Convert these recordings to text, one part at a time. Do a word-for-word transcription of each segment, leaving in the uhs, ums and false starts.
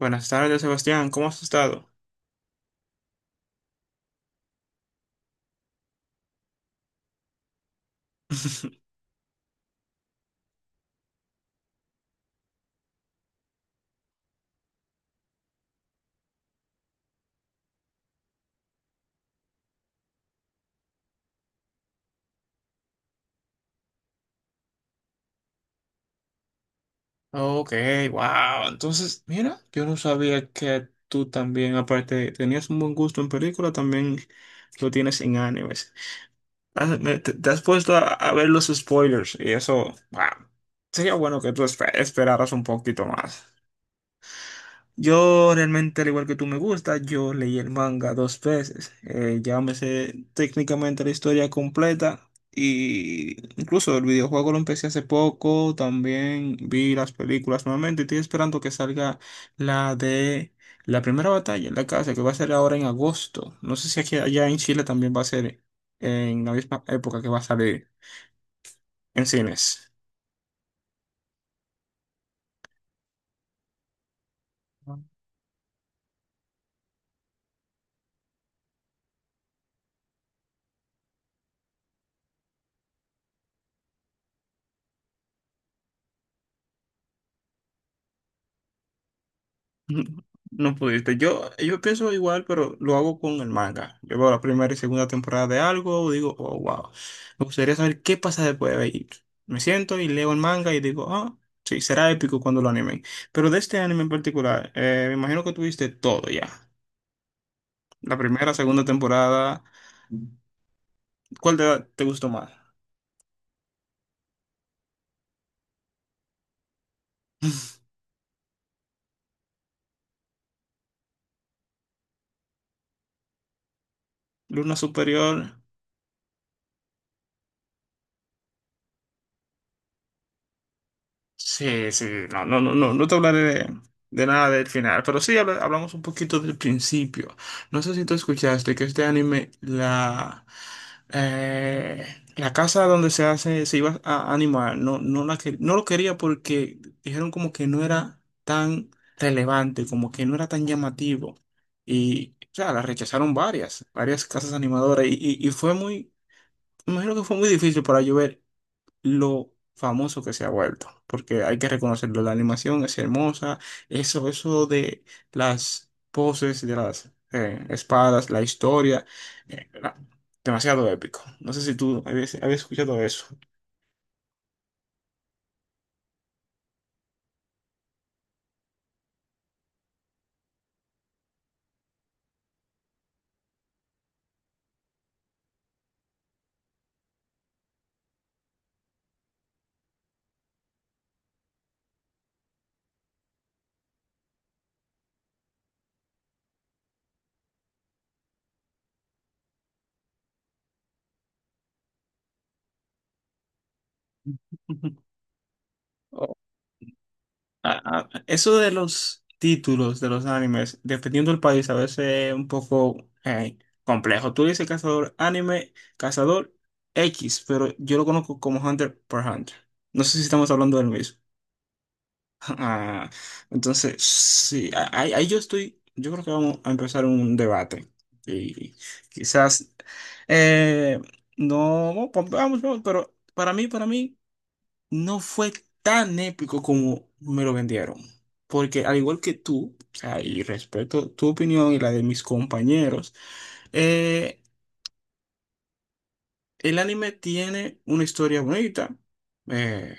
Buenas tardes, Sebastián. ¿Cómo has estado? Ok, wow. Entonces, mira, yo no sabía que tú también, aparte, tenías un buen gusto en película, también lo tienes en animes. Has- me- Te, te has puesto a, a ver los spoilers y eso, wow. Sería bueno que tú espe- esperaras un poquito más. Yo realmente, al igual que tú me gusta, yo leí el manga dos veces. Eh, ya me sé técnicamente la historia completa y incluso el videojuego lo empecé hace poco. También vi las películas nuevamente. Estoy esperando que salga la de la primera batalla en la casa, que va a ser ahora en agosto. No sé si aquí allá en Chile también va a ser en la misma época que va a salir en cines. No pudiste. Yo, yo pienso igual, pero lo hago con el manga. Yo veo la primera y segunda temporada de algo, digo, oh, wow. Me gustaría saber qué pasa después. Y me siento y leo el manga y digo, ah, sí, será épico cuando lo animen. Pero de este anime en particular, eh, me imagino que tuviste todo ya. La primera, segunda temporada. ¿Cuál te, te gustó más? ¿Luna Superior? Sí, sí, no, no, no, no, no te hablaré de, de nada del final, pero sí habla- hablamos un poquito del principio. No sé si tú escuchaste que este anime, la, eh, la casa donde se hace, se iba a animar, no, no, la que- no lo quería porque dijeron como que no era tan relevante, como que no era tan llamativo. Y, o sea, la rechazaron varias, varias casas animadoras y, y, y fue muy, me imagino que fue muy difícil para llover lo famoso que se ha vuelto, porque hay que reconocerlo, la animación es hermosa, eso, eso de las poses, de las eh, espadas, la historia, eh, era demasiado épico. No sé si tú habías, habías escuchado eso. O- a- a- Eso de los títulos de los animes, dependiendo del país, a veces es un poco eh, complejo. Tú dices cazador anime, cazador X, pero yo lo conozco como Hunter por Hunter. No sé si estamos hablando del mismo. Ah, entonces, sí, a- ahí, ahí yo estoy, yo creo que vamos a empezar un debate. Y quizás, eh, no, vamos, vamos, vamos, pero para mí, para mí, no fue tan épico como me lo vendieron. Porque al igual que tú, o sea, y respeto tu opinión y la de mis compañeros, eh, el anime tiene una historia bonita. eh,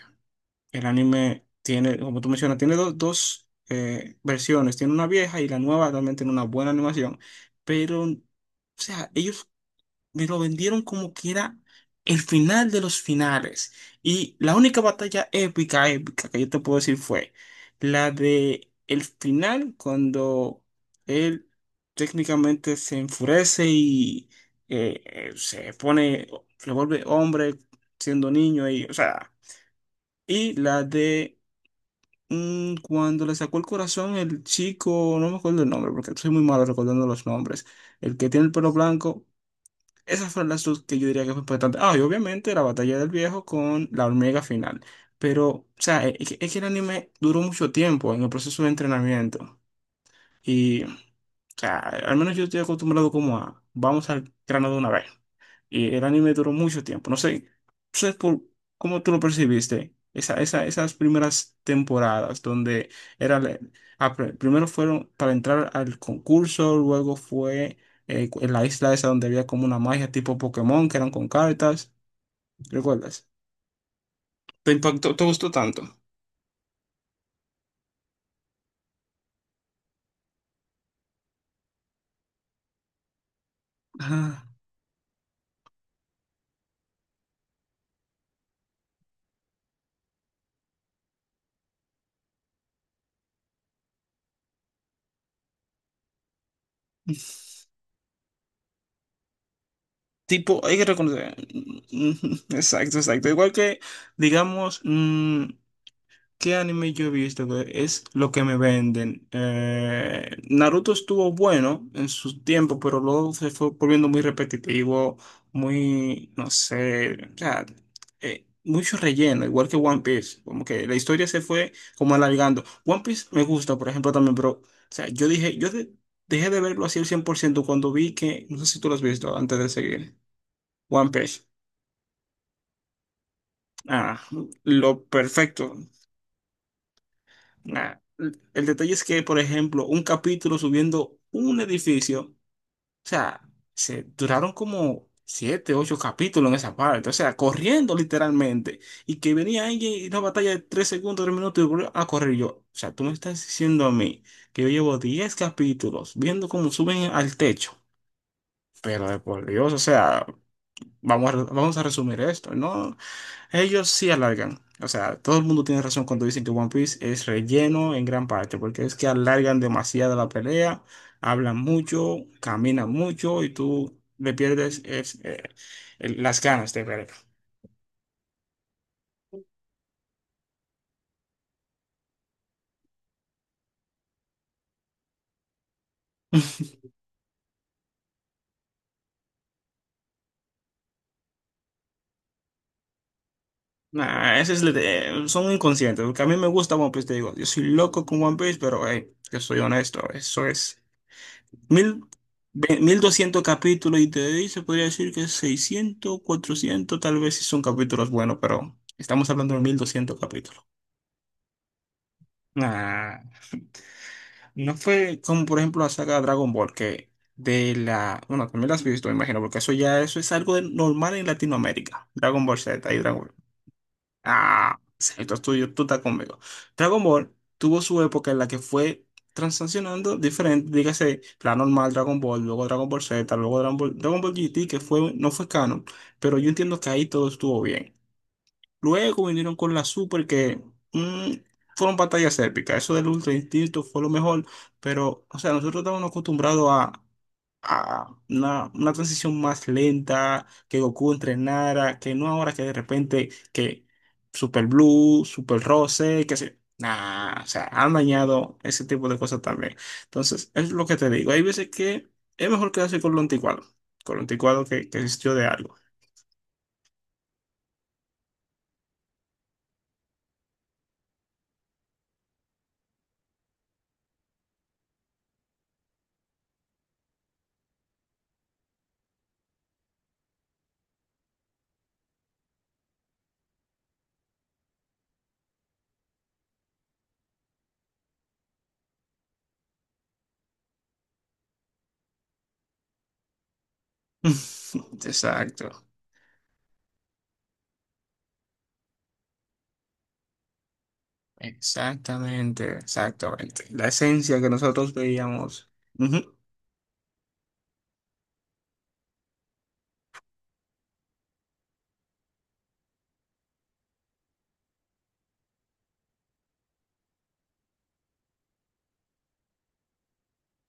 El anime tiene, como tú mencionas, tiene do- dos eh, versiones. Tiene una vieja y la nueva también tiene una buena animación. Pero, o sea, ellos me lo vendieron como que era el final de los finales. Y la única batalla épica, épica que yo te puedo decir fue la de el final cuando él técnicamente se enfurece y eh, eh, se pone, se vuelve hombre siendo niño y, o sea, y la de Mm, cuando le sacó el corazón el chico, no me acuerdo el nombre porque soy muy malo recordando los nombres, el que tiene el pelo blanco, esas fueron las dos que yo diría que fue importante. Ah, y obviamente la batalla del viejo con la hormiga final. Pero, o sea, e- es que, es que el anime duró mucho tiempo en el proceso de entrenamiento. Y, o sea, al menos yo estoy acostumbrado como a, vamos al grano de una vez. Y el anime duró mucho tiempo. No sé, no sé por cómo tú lo percibiste. Esa, esa- esas primeras temporadas donde era la- ah, pr- primero fueron para entrar al concurso, luego fue eh, en la isla esa donde había como una magia tipo Pokémon que eran con cartas. ¿Recuerdas? ¿Te impactó? ¿Te gustó tanto? Ah. Tipo, hay que reconocer. Exacto, exacto. Igual que, digamos, mm, ¿qué anime yo he visto que es lo que me venden? Eh, Naruto estuvo bueno en su tiempo, pero luego se fue volviendo muy repetitivo, muy, no sé, o sea, eh, mucho relleno, igual que One Piece, como que la historia se fue como alargando. One Piece me gusta, por ejemplo, también, pero, o sea, yo dije, yo de- dejé de verlo así al cien por ciento cuando vi que, no sé si tú lo has visto antes de seguir, One Piece. Ah, lo perfecto. Nah, el el detalle es que, por ejemplo, un capítulo subiendo un edificio, o sea, se duraron como siete, ocho capítulos en esa parte, o sea, corriendo literalmente, y que venía alguien y una batalla de tres segundos, tres minutos y volvió a correr. Y yo, o sea, tú me estás diciendo a mí que yo llevo diez capítulos viendo cómo suben al techo, pero de por Dios, o sea, vamos a, re- vamos a resumir esto, ¿no? Ellos sí alargan. O sea, todo el mundo tiene razón cuando dicen que One Piece es relleno en gran parte, porque es que alargan demasiado la pelea, hablan mucho, caminan mucho y tú le pierdes es, eh, el- las ganas de ver. Nah, ese es el de- eh, son inconscientes, porque a mí me gusta One Piece, te digo, yo soy loco con One Piece, pero hey, yo soy honesto, eso es. Mil, ve- Mil doscientos capítulos y de ahí se podría decir que seiscientos cuatrocientos tal vez si son capítulos buenos, pero estamos hablando de mil doscientos capítulos. Ah, no fue como por ejemplo la saga Dragon Ball, que de la... Bueno, también la has visto, me imagino, porque eso ya eso es algo de- normal en Latinoamérica, Dragon Ball Z y Dragon Ball. Ah, esto es tuyo, tú estás conmigo. Dragon Ball tuvo su época en la que fue transaccionando diferente, dígase, la normal Dragon Ball, luego Dragon Ball Z, luego Dragon Ball, Dragon Ball G T, que fue, no fue canon, pero yo entiendo que ahí todo estuvo bien. Luego vinieron con la Super que mm, fueron batallas épicas. Eso del Ultra Instinto fue lo mejor, pero, o sea, nosotros estábamos acostumbrados a, a una, una transición más lenta, que Goku entrenara, que no ahora que de repente que Super Blue, Super Rose, que se... Nah, o sea, han dañado ese tipo de cosas también. Entonces, es lo que te digo. Hay veces que es mejor quedarse con lo anticuado, con lo anticuado que, que existió de algo. Exacto, exactamente, exactamente. La esencia que nosotros veíamos. Ujú,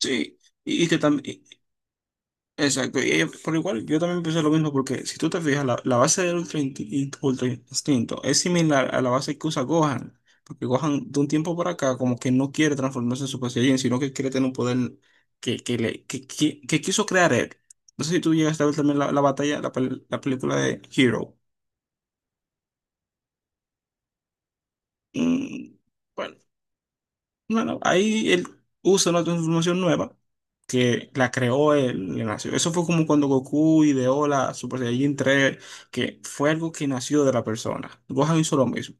sí, y, y que también. Exacto, y ella- por igual yo también pensé lo mismo porque si tú te fijas, la, la base del Ultra Instinto, Ultra Instinto es similar a la base que usa Gohan, porque Gohan de un tiempo para acá como que no quiere transformarse en Super Saiyajin, sino que quiere tener un poder que, que, le, que, que- que quiso crear él. No sé si tú llegaste a ver también la, la batalla, la, pel- la película de Hero. Mm, bueno, Bueno, ahí él usa una transformación nueva que la creó él, le nació. Eso fue como cuando Goku ideó la Super Saiyajin tres, que fue algo que nació de la persona. Gohan hizo lo mismo,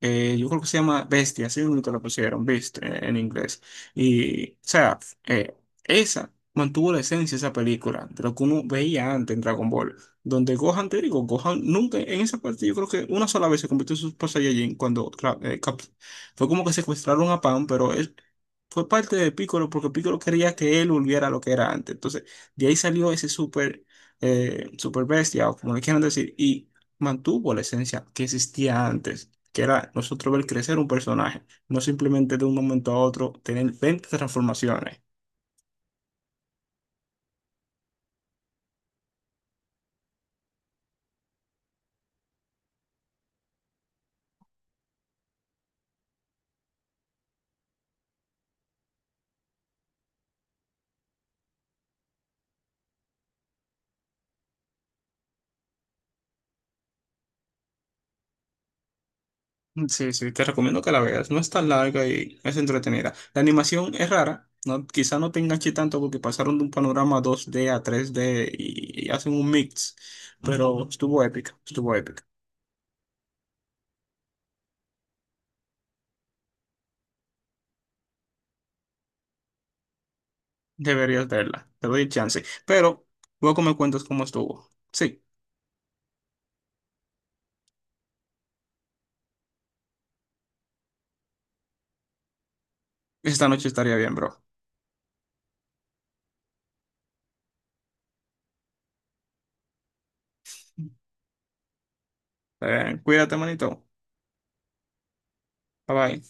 eh, yo creo que se llama Bestia, así mismo que la pusieron, Beast, eh, en inglés. Y, o sea, eh, esa mantuvo la esencia de esa película, de lo que uno veía antes en Dragon Ball, donde Gohan, te digo, Gohan nunca, en esa parte yo creo que una sola vez se convirtió en Super Saiyajin cuando claro, eh, Cap- fue como que secuestraron a Pan, pero él fue parte de Piccolo porque Piccolo quería que él volviera a lo que era antes. Entonces, de ahí salió ese Super, eh, Super Bestia, o como le quieran decir, y mantuvo la esencia que existía antes, que era nosotros ver crecer un personaje, no simplemente de un momento a otro tener veinte transformaciones. Sí, sí, te recomiendo que la veas, no es tan larga y es entretenida. La animación es rara, no, quizá no te enganche tanto porque pasaron de un panorama dos D a tres D y, y hacen un mix, pero estuvo épica, estuvo épica. Deberías verla, te doy chance, pero luego me cuentas cómo estuvo. Sí, esta noche estaría bien, bro. Eh, cuídate, manito. Bye bye.